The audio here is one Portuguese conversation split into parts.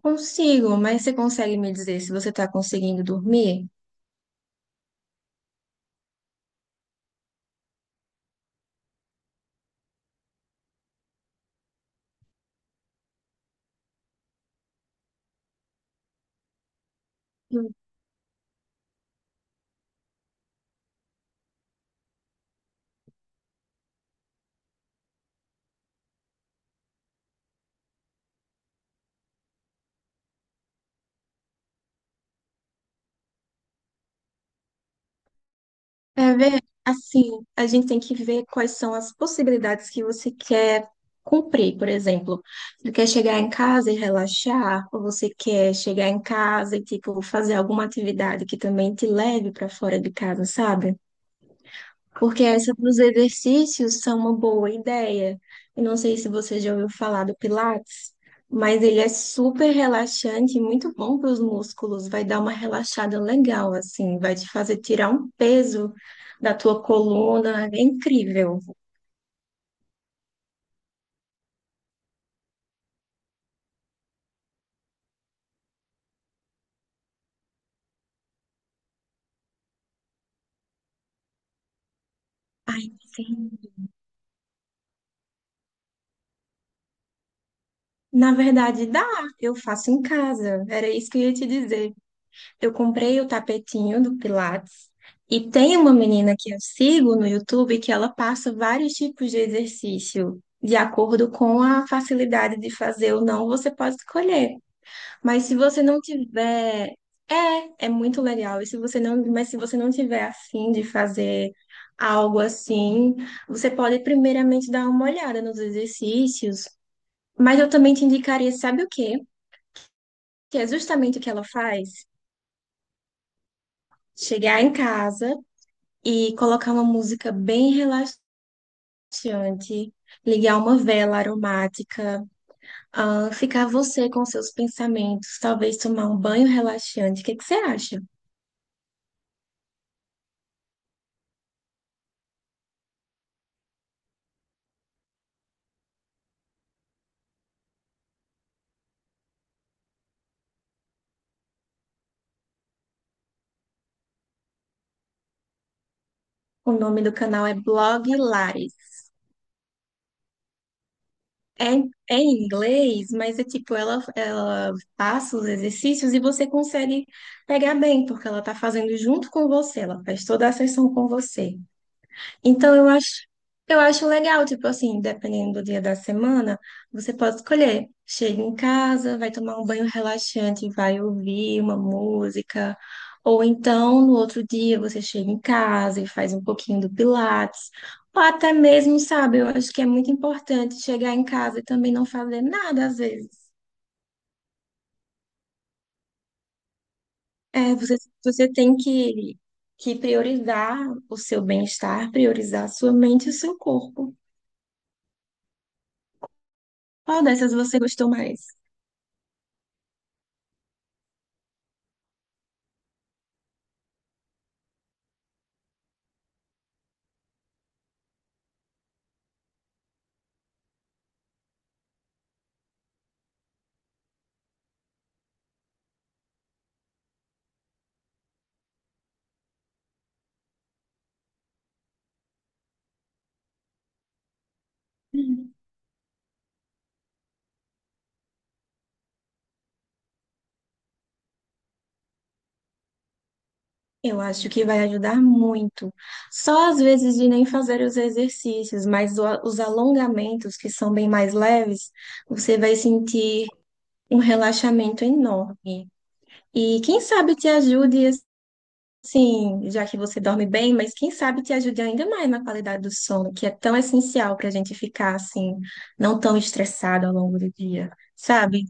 Consigo, mas você consegue me dizer se você está conseguindo dormir? Hum. É ver, assim, a gente tem que ver quais são as possibilidades que você quer cumprir, por exemplo. Você quer chegar em casa e relaxar, ou você quer chegar em casa e, tipo, fazer alguma atividade que também te leve para fora de casa, sabe? Porque essa dos exercícios são uma boa ideia. Eu não sei se você já ouviu falar do Pilates, mas ele é super relaxante e muito bom para os músculos. Vai dar uma relaxada legal, assim, vai te fazer tirar um peso da tua coluna. É incrível. Ai, sim. Na verdade, dá. Eu faço em casa. Era isso que eu ia te dizer. Eu comprei o tapetinho do Pilates e tem uma menina que eu sigo no YouTube que ela passa vários tipos de exercício. De acordo com a facilidade de fazer ou não, você pode escolher. Mas se você não tiver, é, é muito legal. E se você não, mas se você não tiver afim de fazer algo assim, você pode primeiramente dar uma olhada nos exercícios. Mas eu também te indicaria, sabe o quê? Que é justamente o que ela faz. Chegar em casa e colocar uma música bem relaxante, ligar uma vela aromática, ficar você com seus pensamentos, talvez tomar um banho relaxante. O que que você acha? O nome do canal é Blog Lares. É, é em inglês, mas é tipo, ela passa os exercícios e você consegue pegar bem, porque ela tá fazendo junto com você, ela faz toda a sessão com você. Então eu acho legal, tipo assim, dependendo do dia da semana, você pode escolher. Chega em casa, vai tomar um banho relaxante, vai ouvir uma música, ou então no outro dia você chega em casa e faz um pouquinho do Pilates, ou até mesmo, sabe, eu acho que é muito importante chegar em casa e também não fazer nada às vezes. É, você tem que priorizar o seu bem-estar, priorizar a sua mente e o seu corpo. Qual dessas você gostou mais? Eu acho que vai ajudar muito. Só às vezes de nem fazer os exercícios, mas os alongamentos, que são bem mais leves, você vai sentir um relaxamento enorme. E quem sabe te ajude, assim, já que você dorme bem, mas quem sabe te ajude ainda mais na qualidade do sono, que é tão essencial para a gente ficar, assim, não tão estressado ao longo do dia, sabe?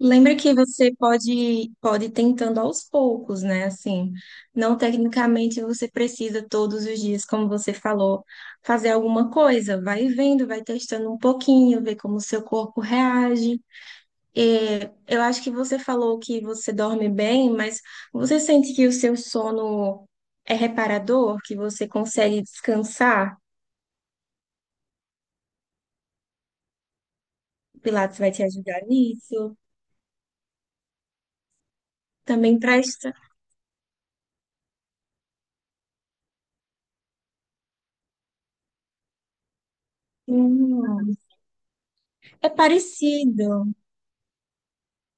Lembra que você pode ir tentando aos poucos, né? Assim, não tecnicamente você precisa todos os dias, como você falou, fazer alguma coisa. Vai vendo, vai testando um pouquinho, ver como o seu corpo reage. É, eu acho que você falou que você dorme bem, mas você sente que o seu sono é reparador, que você consegue descansar? O Pilates vai te ajudar nisso. Também presta. Hum, é parecido.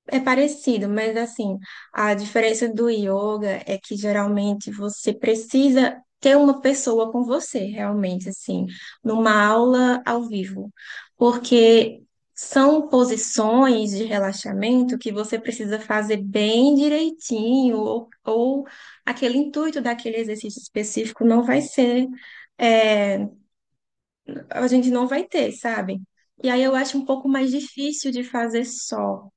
É parecido, mas assim, a diferença do yoga é que geralmente você precisa ter uma pessoa com você, realmente, assim, numa aula ao vivo, porque são posições de relaxamento que você precisa fazer bem direitinho, ou aquele intuito daquele exercício específico não vai ser, é, a gente não vai ter, sabe? E aí eu acho um pouco mais difícil de fazer só.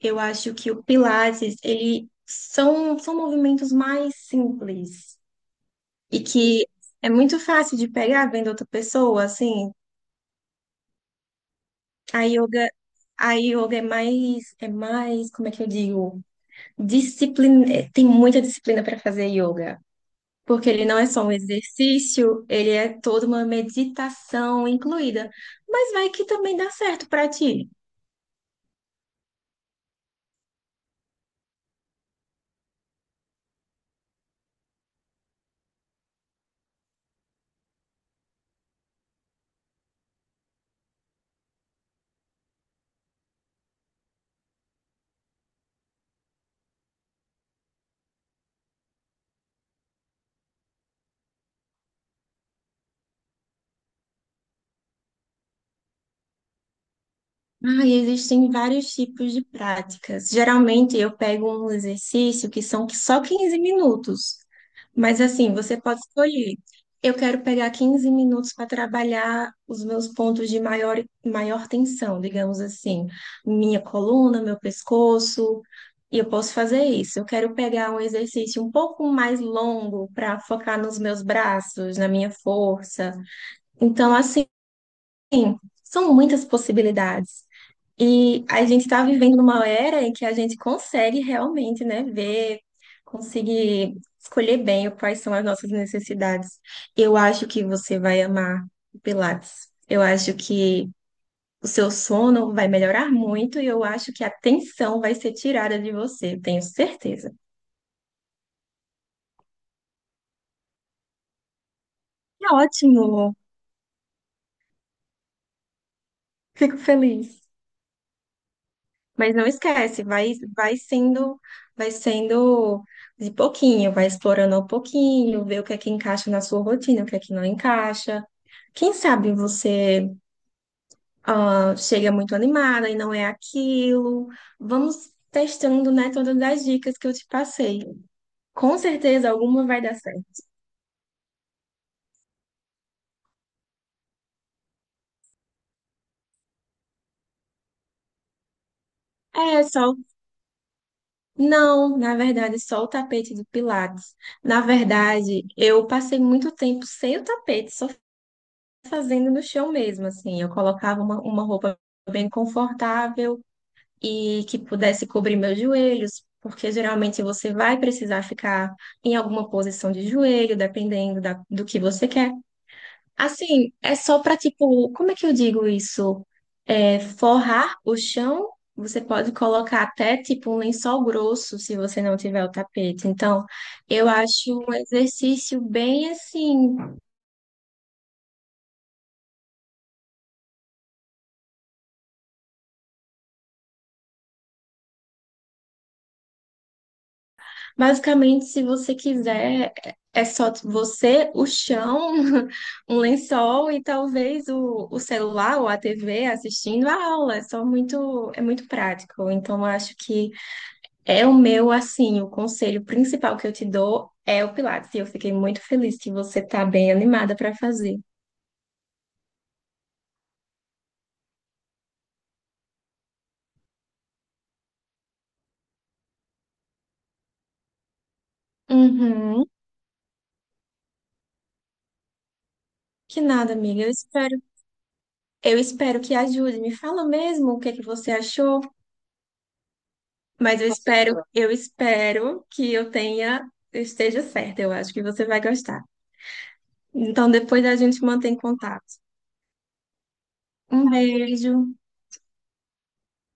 Eu acho que o Pilates, ele são movimentos mais simples e que é muito fácil de pegar vendo outra pessoa, assim. A yoga, a yoga é mais, como é que eu digo? Disciplina, é, tem muita disciplina para fazer yoga, porque ele não é só um exercício, ele é toda uma meditação incluída. Mas vai que também dá certo para ti. Ah, e existem vários tipos de práticas. Geralmente eu pego um exercício que são só 15 minutos, mas assim, você pode escolher. Eu quero pegar 15 minutos para trabalhar os meus pontos de maior, maior tensão, digamos assim, minha coluna, meu pescoço, e eu posso fazer isso. Eu quero pegar um exercício um pouco mais longo para focar nos meus braços, na minha força. Então, assim, sim, são muitas possibilidades. E a gente está vivendo numa era em que a gente consegue realmente, né, ver, conseguir escolher bem quais são as nossas necessidades. Eu acho que você vai amar o Pilates. Eu acho que o seu sono vai melhorar muito e eu acho que a tensão vai ser tirada de você, tenho certeza. É ótimo, fico feliz. Mas não esquece, vai, vai sendo de pouquinho, vai explorando ao pouquinho, ver o que é que encaixa na sua rotina, o que é que não encaixa. Quem sabe você chega muito animada e não é aquilo. Vamos testando, né, todas as dicas que eu te passei. Com certeza alguma vai dar certo. É, só. Não, na verdade, só o tapete de Pilates. Na verdade, eu passei muito tempo sem o tapete, só fazendo no chão mesmo, assim. Eu colocava uma roupa bem confortável e que pudesse cobrir meus joelhos, porque geralmente você vai precisar ficar em alguma posição de joelho, dependendo da, do que você quer. Assim, é só para, tipo, como é que eu digo isso? É, forrar o chão. Você pode colocar até tipo um lençol grosso se você não tiver o tapete. Então, eu acho um exercício bem assim. Basicamente, se você quiser, é só você, o chão, um lençol e talvez o celular ou a TV assistindo a aula. É só muito, é muito prático. Então, eu acho que é o meu, assim, o conselho principal que eu te dou é o Pilates. E eu fiquei muito feliz que você tá bem animada para fazer. Uhum. Que nada, amiga. Eu espero que ajude. Me fala mesmo o que é que você achou. Mas eu espero que eu esteja certa. Eu acho que você vai gostar. Então depois a gente mantém contato. Um beijo.